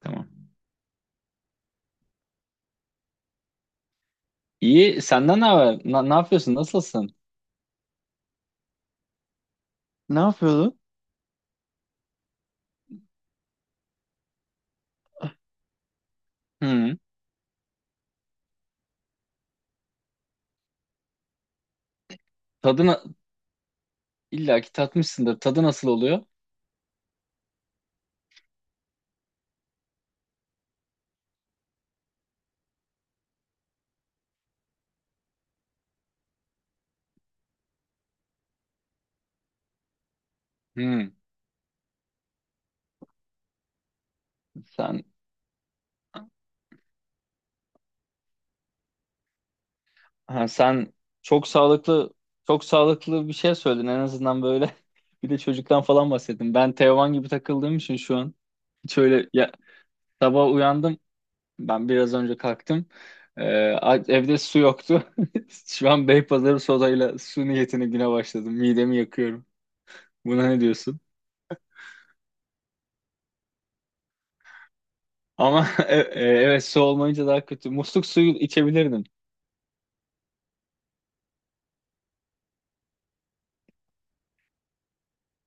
Tamam. İyi. Senden ne haber? Ne yapıyorsun? Nasılsın? Ne yapıyordu? Hı. Tadına illa ki tatmışsındır. Tadı nasıl oluyor? Hı. Sen ha, sen çok sağlıklı çok sağlıklı bir şey söyledin en azından böyle. Bir de çocuktan falan bahsettin. Ben Teoman gibi takıldığım için şu an hiç öyle ya, sabah uyandım. Ben biraz önce kalktım. Evde su yoktu. Şu an Beypazarı sodayla su niyetine güne başladım. Midemi yakıyorum. Buna ne diyorsun? Ama evet, su olmayınca daha kötü. Musluk suyu içebilirdim.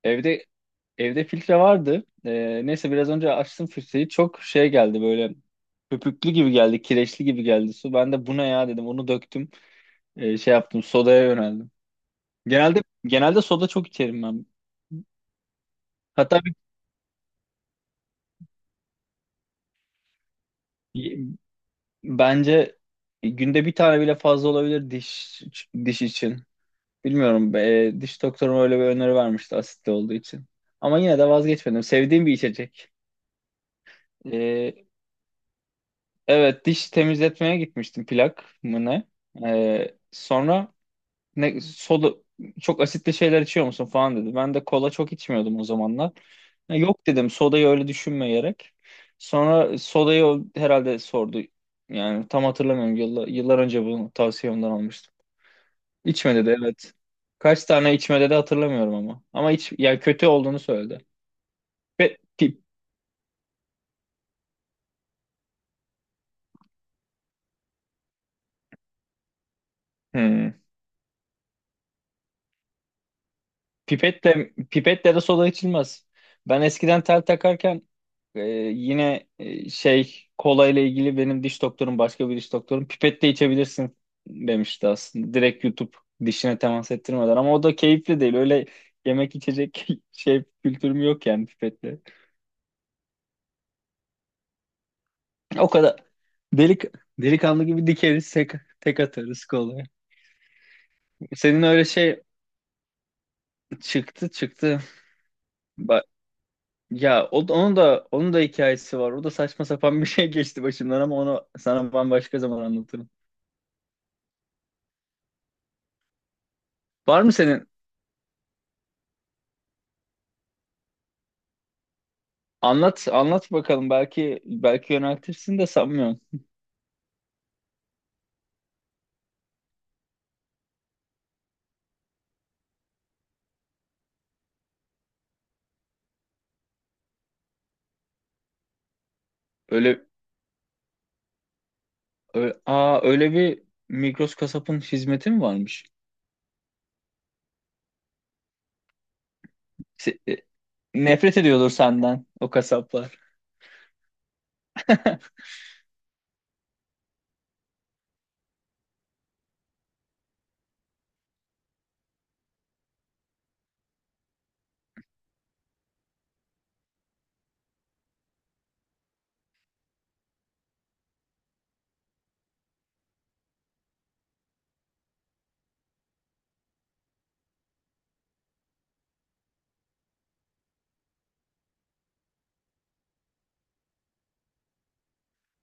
Evde evde filtre vardı. Neyse biraz önce açtım filtreyi. Çok şey geldi böyle, köpüklü gibi geldi, kireçli gibi geldi su. Ben de bu ne ya dedim. Onu döktüm. Şey yaptım. Sodaya yöneldim. Genelde soda çok içerim ben. Hatta bir- bence günde bir tane bile fazla olabilir, diş için. Bilmiyorum. Diş doktorum öyle bir öneri vermişti, asitli olduğu için. Ama yine de vazgeçmedim. Sevdiğim bir içecek. E, Evet, diş temizletmeye gitmiştim, plak mı ne? Sonra ne, soda, çok asitli şeyler içiyor musun falan dedi. Ben de kola çok içmiyordum o zamanlar. Ya, yok dedim sodayı öyle düşünmeyerek. Sonra sodayı o herhalde sordu. Yani tam hatırlamıyorum, yıllar, yıllar önce bunu tavsiyemden almıştım. İçme dedi, evet. Kaç tane içme dedi hatırlamıyorum ama. Ama iç, yani kötü olduğunu söyledi. Pipet, pip, hmm. Pipetle de soda içilmez. Ben eskiden tel takarken Ee, şey, kola ile ilgili benim diş doktorum başka bir diş doktorum pipette içebilirsin demişti aslında. Direkt YouTube, dişine temas ettirmeden, ama o da keyifli değil. Öyle yemek içecek şey kültürüm yok yani, pipetle. O kadar delik delikanlı gibi dikeriz, tek atarız kolaya. Senin öyle şey, çıktı çıktı. Ba- Onun da onun da hikayesi var. O da saçma sapan bir şey geçti başımdan ama onu sana bambaşka zaman anlatırım. Var mı senin Anlat, anlat bakalım. Belki yöneltirsin de sanmıyorum. Öyle, Öyle bir, Migros kasapın hizmeti mi varmış? Se- e, Nefret ediyordur senden o kasaplar.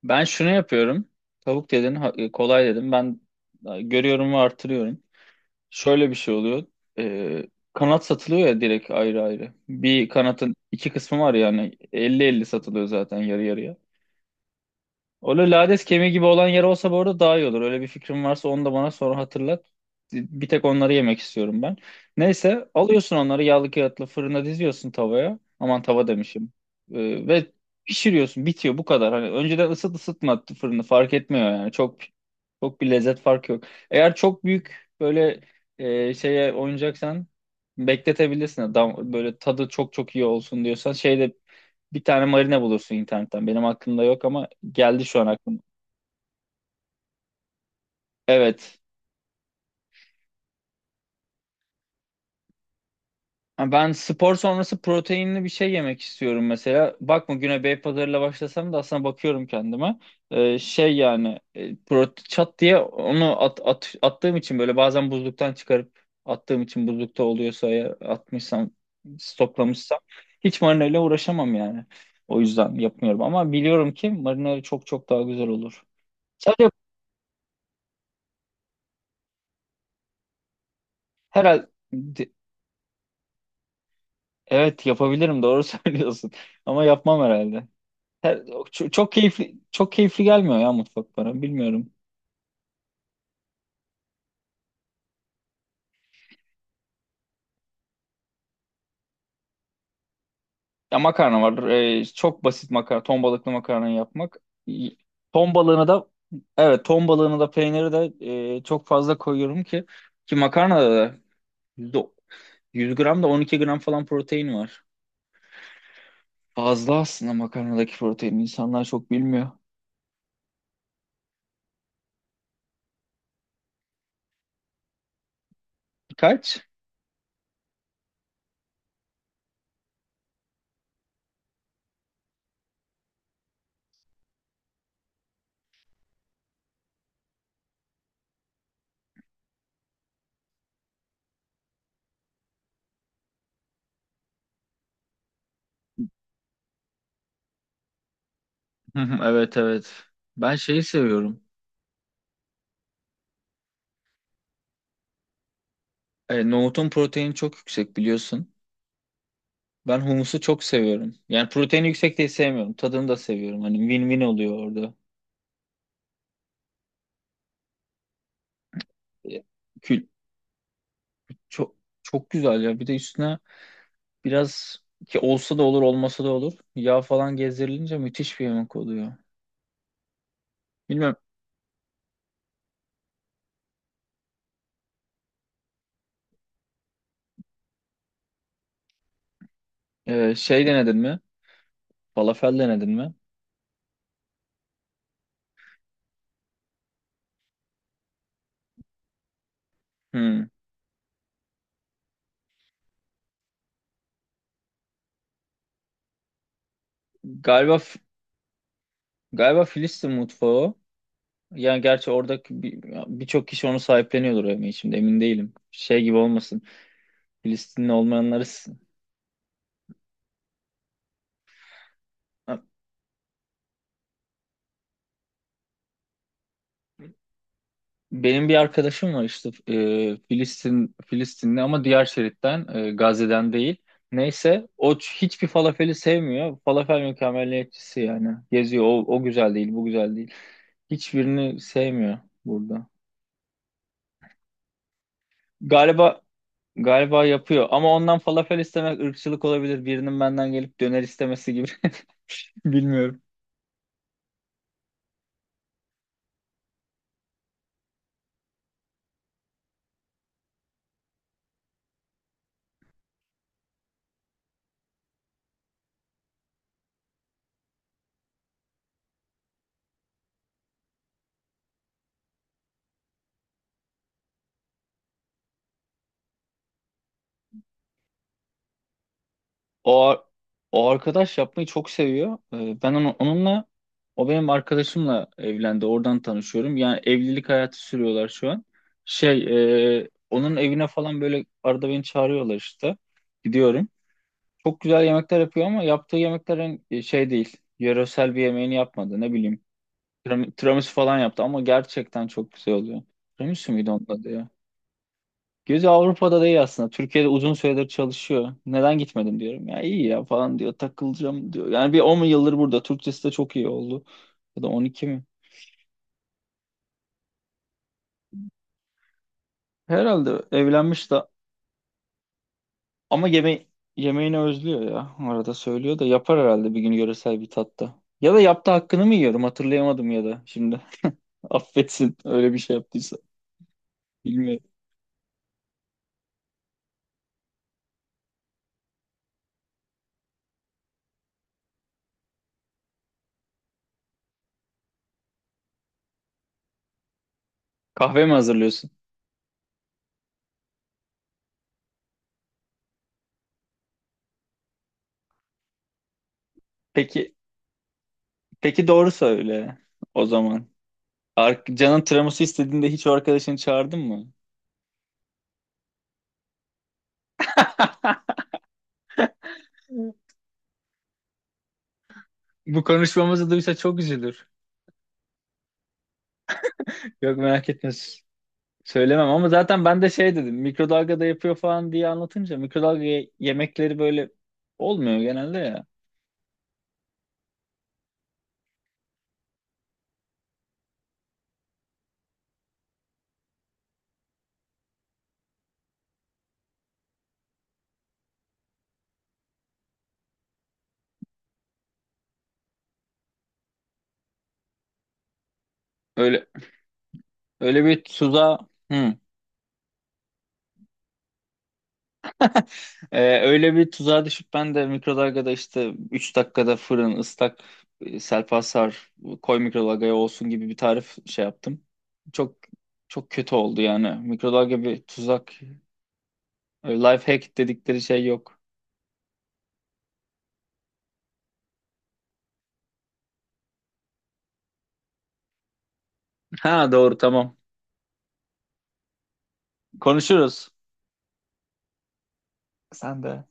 Ben şunu yapıyorum. Tavuk dedin, kolay dedim. Ben görüyorum ve artırıyorum. Şöyle bir şey oluyor. E, Kanat satılıyor ya, direkt ayrı ayrı. Bir kanatın iki kısmı var, yani elli elli satılıyor zaten, yarı yarıya. Öyle lades kemiği gibi olan yer olsa bu arada daha iyi olur. Öyle bir fikrim varsa onu da bana sonra hatırlat. Bir tek onları yemek istiyorum ben. Neyse, alıyorsun onları yağlı kağıtlı fırına diziyorsun, tavaya. Aman, tava demişim. Ve pişiriyorsun, bitiyor bu kadar. Hani önceden ısıtma fırını, fark etmiyor yani. Çok çok bir lezzet farkı yok. Eğer çok büyük böyle şeye oynayacaksan bekletebilirsin. Böyle tadı çok çok iyi olsun diyorsan, şeyde bir tane marine bulursun internetten. Benim aklımda yok ama geldi şu an aklıma. Evet. Ha, ben spor sonrası proteinli bir şey yemek istiyorum mesela. Bakma, güne Beypazarı'yla başlasam da aslında bakıyorum kendime. Şey yani e, prote Çat diye onu attığım için, böyle bazen buzluktan çıkarıp attığım için, buzlukta oluyorsa eğer, atmışsam, stoklamışsam, hiç marineyle uğraşamam yani. O yüzden yapmıyorum ama biliyorum ki marineyle çok çok daha güzel olur. Sadece herhalde Evet, yapabilirim, doğru söylüyorsun. Ama yapmam herhalde. Her, Çok keyifli, çok keyifli gelmiyor ya mutfak bana, bilmiyorum. Ya, makarna var. Çok basit makarna. Ton balıklı makarna yapmak. İyi. Ton balığını da Evet, ton balığını da peyniri de çok fazla koyuyorum ki, makarnada da yüzde- 100 gram da 12 gram falan protein var. Fazla aslında makarnadaki protein. İnsanlar çok bilmiyor. Kaç? Hı hı. Evet, evet. Ben şeyi seviyorum. Nohutun proteini çok yüksek biliyorsun. Ben humusu çok seviyorum. Yani protein yüksek değil, sevmiyorum. Tadını da seviyorum. Hani win-win oluyor orada. E, Kül Çok çok güzel ya. Bir de üstüne biraz, ki olsa da olur, olmasa da olur, yağ falan gezdirilince müthiş bir yemek oluyor. Bilmem şey denedin mi? Falafel denedin mi? Hmm. Galiba galiba Filistin mutfağı o. Yani gerçi oradaki birçok kişi onu sahipleniyordur ama şimdi emin değilim. Şey gibi olmasın, Filistinli olmayanları. Benim bir arkadaşım var işte Filistinli ama diğer şeritten, Gazze'den değil. Neyse o, hiçbir falafeli sevmiyor. Falafel mükemmeliyetçisi yani. Geziyor, o o güzel değil, bu güzel değil. Hiçbirini sevmiyor burada. Galiba galiba yapıyor, ama ondan falafel istemek ırkçılık olabilir. Birinin benden gelip döner istemesi gibi, bilmiyorum. O, ar- O arkadaş yapmayı çok seviyor. Ben onu, onunla O benim arkadaşımla evlendi. Oradan tanışıyorum. Yani evlilik hayatı sürüyorlar şu an. Şey, onun evine falan böyle arada beni çağırıyorlar işte. Gidiyorum. Çok güzel yemekler yapıyor ama yaptığı yemeklerin şey değil, yöresel bir yemeğini yapmadı. Ne bileyim, tiramisu falan yaptı ama gerçekten çok güzel oluyor. Tiramisu muydu onun adı ya? Gözü Avrupa'da değil aslında. Türkiye'de uzun süredir çalışıyor. Neden gitmedim diyorum. Ya iyi ya falan diyor. Takılacağım diyor. Yani bir 10 yıldır burada. Türkçesi de çok iyi oldu. Ya da 12 mi? Herhalde evlenmiş de ama yemeğini özlüyor ya. Arada söylüyor, da yapar herhalde bir gün yöresel bir tatta. Ya da yaptı, hakkını mı yiyorum, hatırlayamadım ya da şimdi. Affetsin öyle bir şey yaptıysa. Bilmiyorum. Kahve mi hazırlıyorsun? Peki, peki doğru söyle o zaman. Canın tiramisu istediğinde hiç o arkadaşını çağırdın mı? Bu konuşmamızı duysa çok üzülür. Yok, merak etme, söylemem, ama zaten ben de şey dedim, mikrodalgada yapıyor falan diye anlatınca, mikrodalga yemekleri böyle olmuyor genelde ya. Öyle öyle bir tuzağa, hı. Öyle bir tuzağa düşüp ben de mikrodalgada, işte 3 dakikada, fırın ıslak, selpasar koy mikrodalgaya olsun gibi bir tarif şey yaptım. Çok çok kötü oldu yani. Mikrodalga bir tuzak. Öyle life hack dedikleri şey yok. Ha, doğru, tamam. Konuşuruz. Sen de.